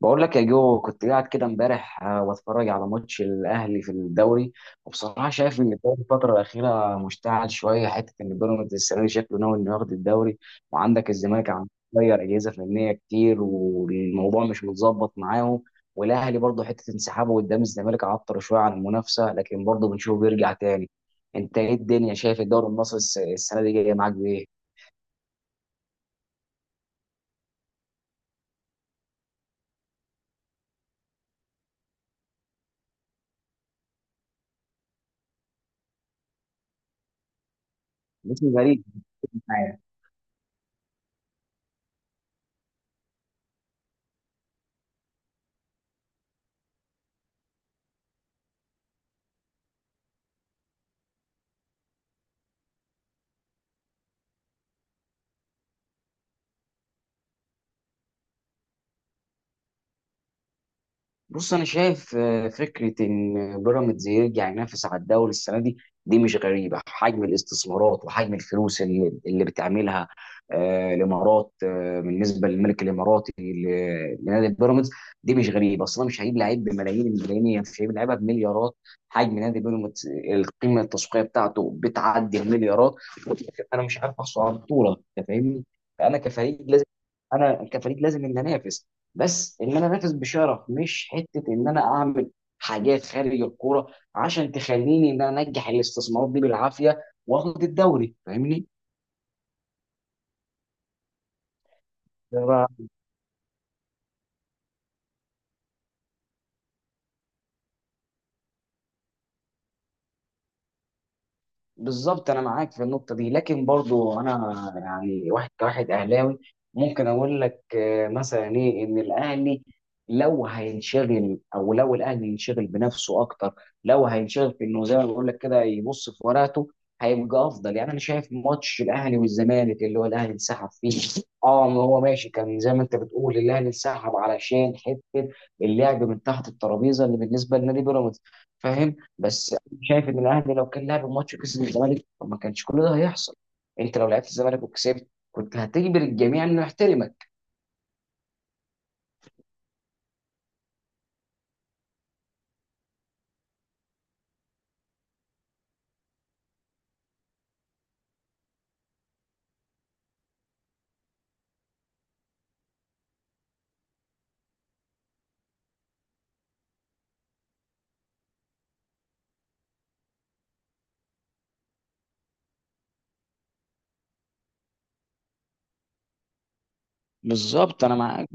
بقول لك يا جو، كنت قاعد كده امبارح واتفرج على ماتش الاهلي في الدوري. وبصراحه شايف ان الدوري الفتره الاخيره مشتعل شويه، حته ان بيراميدز السنه دي شكله ناوي انه ياخد الدوري. وعندك الزمالك عم تغير اجهزه فنيه كتير والموضوع مش متظبط معاهم. والاهلي برضه، حته انسحابه قدام الزمالك عطر شويه عن المنافسه، لكن برضه بنشوفه بيرجع تاني. انت ايه الدنيا، شايف الدوري المصري السنه دي جايه معاك بايه؟ موسم غريب. بص، انا شايف فكره ان بيراميدز يرجع ينافس على الدوري السنه دي، دي مش غريبه. حجم الاستثمارات وحجم الفلوس اللي بتعملها الامارات، بالنسبه للملك الاماراتي لنادي بيراميدز، دي مش غريبه اصلا. مش هيجيب لعيب بملايين الملايين، يعني مش هيجيب لعيبه بمليارات. حجم نادي بيراميدز، القيمه التسويقيه بتاعته بتعدي المليارات. انا مش عارف احصل على البطوله، انت فاهمني؟ فانا كفريق لازم انا كفريق لازم ان انافس، بس ان انا انافس بشرف، مش حته ان انا اعمل حاجات خارج الكوره عشان تخليني ان انا انجح الاستثمارات دي بالعافيه، واخد الدوري، فاهمني؟ بالظبط انا معاك في النقطه دي، لكن برضو انا يعني واحد، كواحد اهلاوي، ممكن اقول لك مثلا ايه؟ ان الاهلي لو هينشغل، او لو الاهلي ينشغل بنفسه اكتر، لو هينشغل في انه زي ما بقول لك كده، يبص في ورقته، هيبقى افضل. يعني انا شايف ماتش الاهلي والزمالك اللي هو الاهلي انسحب فيه، اه ما هو ماشي، كان زي ما انت بتقول الاهلي انسحب علشان حته اللعب من تحت الترابيزه اللي بالنسبه لنادي بيراميدز، فاهم؟ بس شايف ان الاهلي لو كان لعب الماتش وكسب الزمالك، ما كانش كل ده هيحصل. انت لو لعبت الزمالك وكسبت، كنت هتجبر الجميع انه يحترمك. بالظبط انا معاك.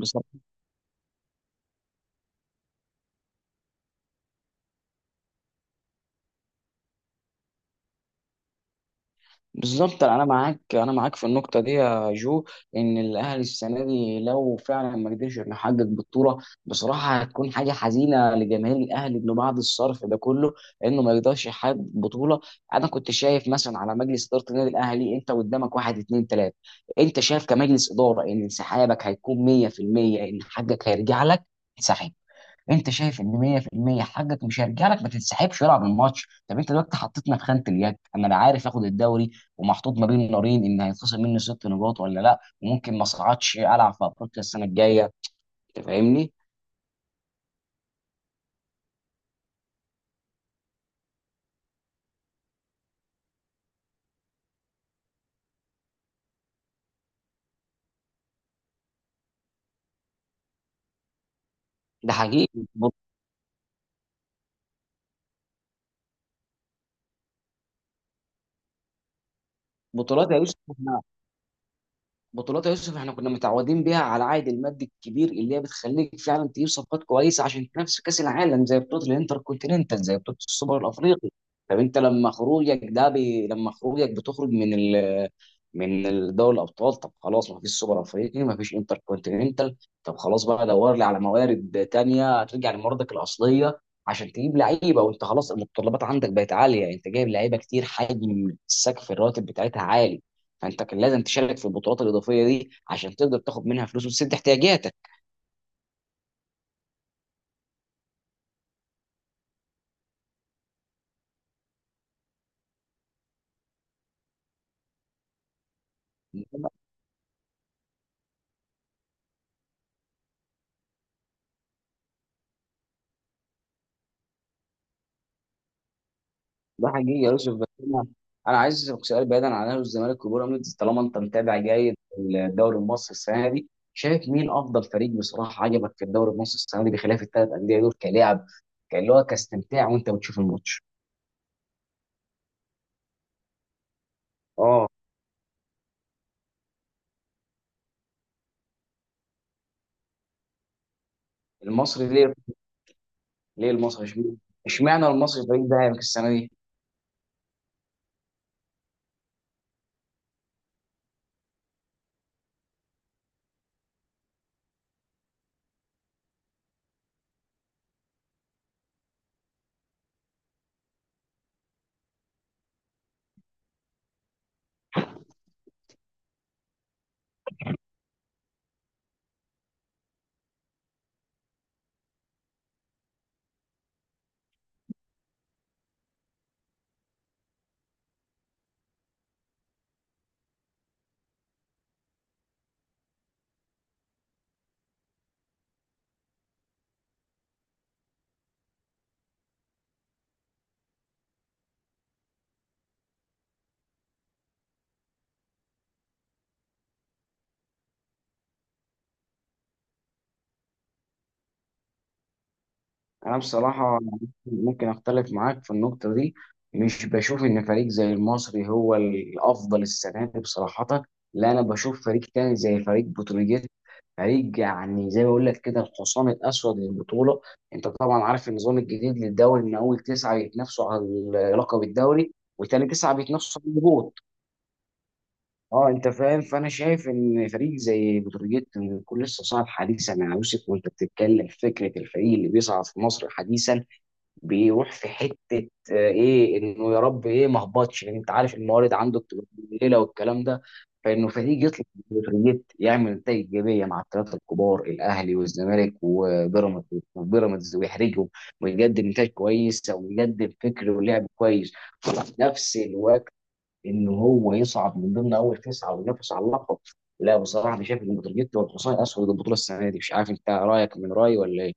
بالظبط انا معاك، انا معاك في النقطه دي يا جو. ان الاهلي السنه دي لو فعلا ما قدرش انه يحقق بطوله، بصراحه هتكون حاجه حزينه لجماهير الاهلي، انه بعد الصرف ده كله انه ما يقدرش يحقق بطوله. انا كنت شايف مثلا على مجلس اداره النادي الاهلي، انت قدامك واحد اتنين تلاته، انت شايف كمجلس اداره ان انسحابك هيكون 100% ان حقك هيرجع لك. انت شايف ان 100% حقك مش هيرجع لك، ما تنسحبش والعب الماتش. طب انت دلوقتي حطيتنا في خانه اليك، انا لا عارف اخد الدوري، ومحطوط ما بين نارين ان هيتخصم مني ست نقاط ولا لا، وممكن ما اصعدش العب في افريقيا السنه الجايه، انت فاهمني؟ ده حقيقي. بط- بطولات يا يوسف، بطولات يا يوسف احنا كنا متعودين بيها على العائد المادي الكبير، اللي هي بتخليك فعلا تجيب صفقات كويسه عشان تنافس في كاس العالم، زي بطوله الانتر كونتيننتال، زي بطوله السوبر الافريقي. طب انت لما خروجك ده لما خروجك بتخرج من دوري الابطال، طب خلاص ما فيش سوبر افريقي، ما فيش انتر كونتيننتال. طب خلاص بقى دور لي على موارد تانية، ترجع لمواردك الاصليه عشان تجيب لعيبه. وانت خلاص المتطلبات عندك بقت عاليه، انت جايب لعيبه كتير، حجم السقف الراتب بتاعتها عالي، فانت كان لازم تشارك في البطولات الاضافيه دي عشان تقدر تاخد منها فلوس وتسد احتياجاتك. ده حقيقي يا يوسف. بس أنا عايز اسالك سؤال بعيدا عن اهلي والزمالك وبيراميدز، طالما انت متابع جيد الدوري المصري السنه دي، شايف مين افضل فريق بصراحه عجبك في الدوري المصري السنه دي بخلاف الثلاث انديه دول، كلاعب كان، هو كاستمتاع وانت بتشوف الماتش؟ اه. المصري ليه؟ ليه المصري اشمعنى؟ اشمعنى المصري الفريق ده هيبقى السنه دي؟ انا بصراحه ممكن اختلف معاك في النقطه دي، مش بشوف ان فريق زي المصري هو الافضل السنه دي بصراحه. لا، انا بشوف فريق تاني زي فريق بتروجيت، فريق يعني زي ما بقول لك كده، الحصان الاسود للبطوله. انت طبعا عارف النظام الجديد للدوري، ان اول تسعه يتنافسوا على لقب الدوري، وتاني تسعه بيتنافسوا على الهبوط. اه انت فاهم، فانا شايف ان فريق زي بتروجيت من كل الصناعه الحديثه مع يوسف وانت بتتكلم، فكره الفريق اللي بيصعد في مصر حديثا، بيروح في حته ايه؟ انه يا رب ايه ما اهبطش، لان انت عارف الموارد عنده بتبقى قليله والكلام ده، فانه فريق يطلع من الفريق يعمل نتائج ايجابيه مع الثلاثه الكبار، الاهلي والزمالك وبيراميدز ويحرجهم، ويقدم نتائج كويسه ويقدم فكر ولعب كويس، وفي نفس الوقت انه هو يصعد من ضمن اول تسعه وينافس على اللقب. لا بصراحه انا شايف ان بتروجيت والحصان اسود البطوله السنه دي، مش عارف انت رايك من رايي ولا ايه؟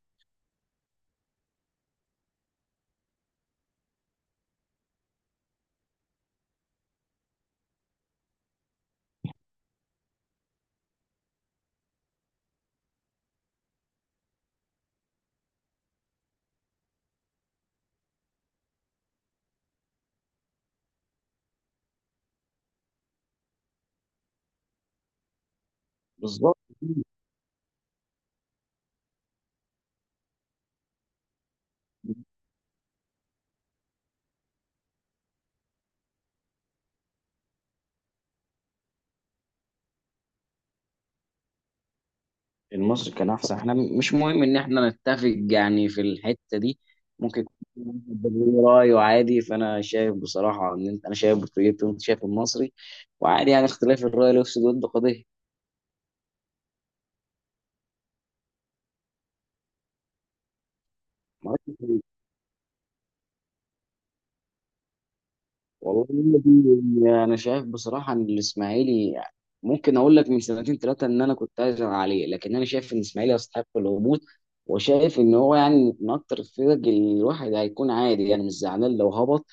بالظبط. المصري كان احسن، احنا مش مهم ان احنا نتفق يعني في الحته دي. ممكن يكون ليه رايه، عادي. فانا شايف بصراحه ان انت، انا شايف بورتوجيتي وانت شايف المصري، وعادي يعني اختلاف الراي لا يفسد ود. قضيه. والله النادي، انا شايف بصراحه ان الاسماعيلي، ممكن اقول لك من سنتين ثلاثه ان انا كنت عايز عليه، لكن انا شايف ان الاسماعيلي يستحق الهبوط، وشايف ان هو يعني من اكتر الفرق اللي الواحد هيكون عادي يعني مش زعلان لو هبط.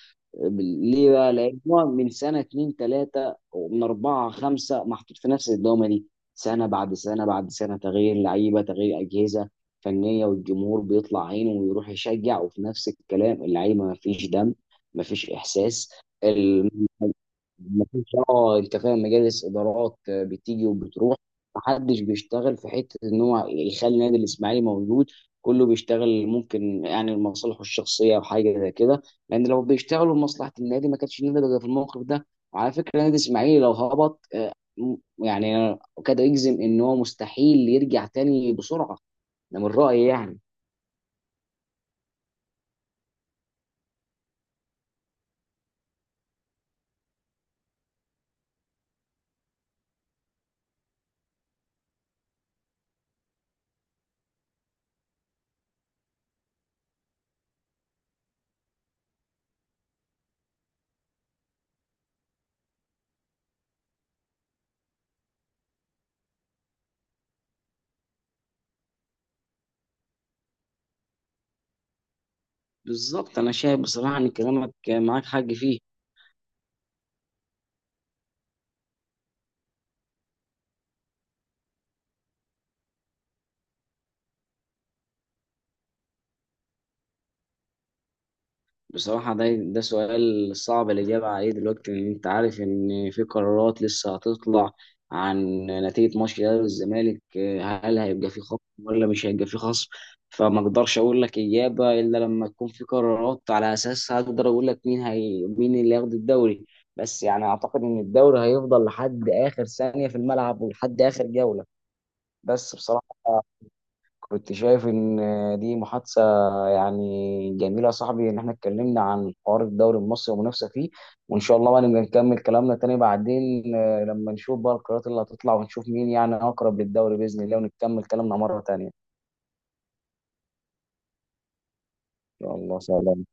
ليه بقى؟ لان هو من سنه اتنين ثلاثه ومن اربعه خمسه محطوط في نفس الدوامه دي، سنه بعد سنه بعد سنه تغيير لعيبه، تغيير اجهزه فنيه، والجمهور بيطلع عينه ويروح يشجع، وفي نفس الكلام اللعيبه ما فيش دم، ما فيش احساس. ال- مفيش اه انت فاهم، مجالس ادارات بتيجي وبتروح، محدش بيشتغل في حته ان هو يخلي نادي الاسماعيلي موجود، كله بيشتغل ممكن يعني لمصالحه الشخصيه او حاجه زي كده، لان لو بيشتغلوا لمصلحه النادي ما كانش النادي بقى في الموقف ده. وعلى فكره نادي الاسماعيلي لو هبط، يعني أنا كاد يجزم ان هو مستحيل يرجع تاني بسرعه، ده من رايي يعني. بالظبط انا شايف بصراحه ان كلامك معاك حق فيه. بصراحة ده ده سؤال صعب الإجابة عليه دلوقتي، لأن أنت عارف إن في قرارات لسه هتطلع عن نتيجة ماتش الأهلي والزمالك، هل هيبقى في خصم ولا مش هيبقى في خصم؟ فما أقدرش أقول لك إجابة إلا لما تكون في قرارات على أساسها أقدر أقول لك مين اللي هياخد الدوري. بس يعني أعتقد إن الدوري هيفضل لحد آخر ثانية في الملعب، ولحد آخر جولة. بس بصراحة كنت شايف ان دي محادثه يعني جميله يا صاحبي، ان احنا اتكلمنا عن حوار الدوري المصري والمنافسه فيه، وان شاء الله بقى نبقى نكمل كلامنا تاني بعدين، لما نشوف بقى القرارات اللي هتطلع ونشوف مين يعني اقرب للدوري باذن الله، ونكمل كلامنا مره تانيه. يا الله، سلام.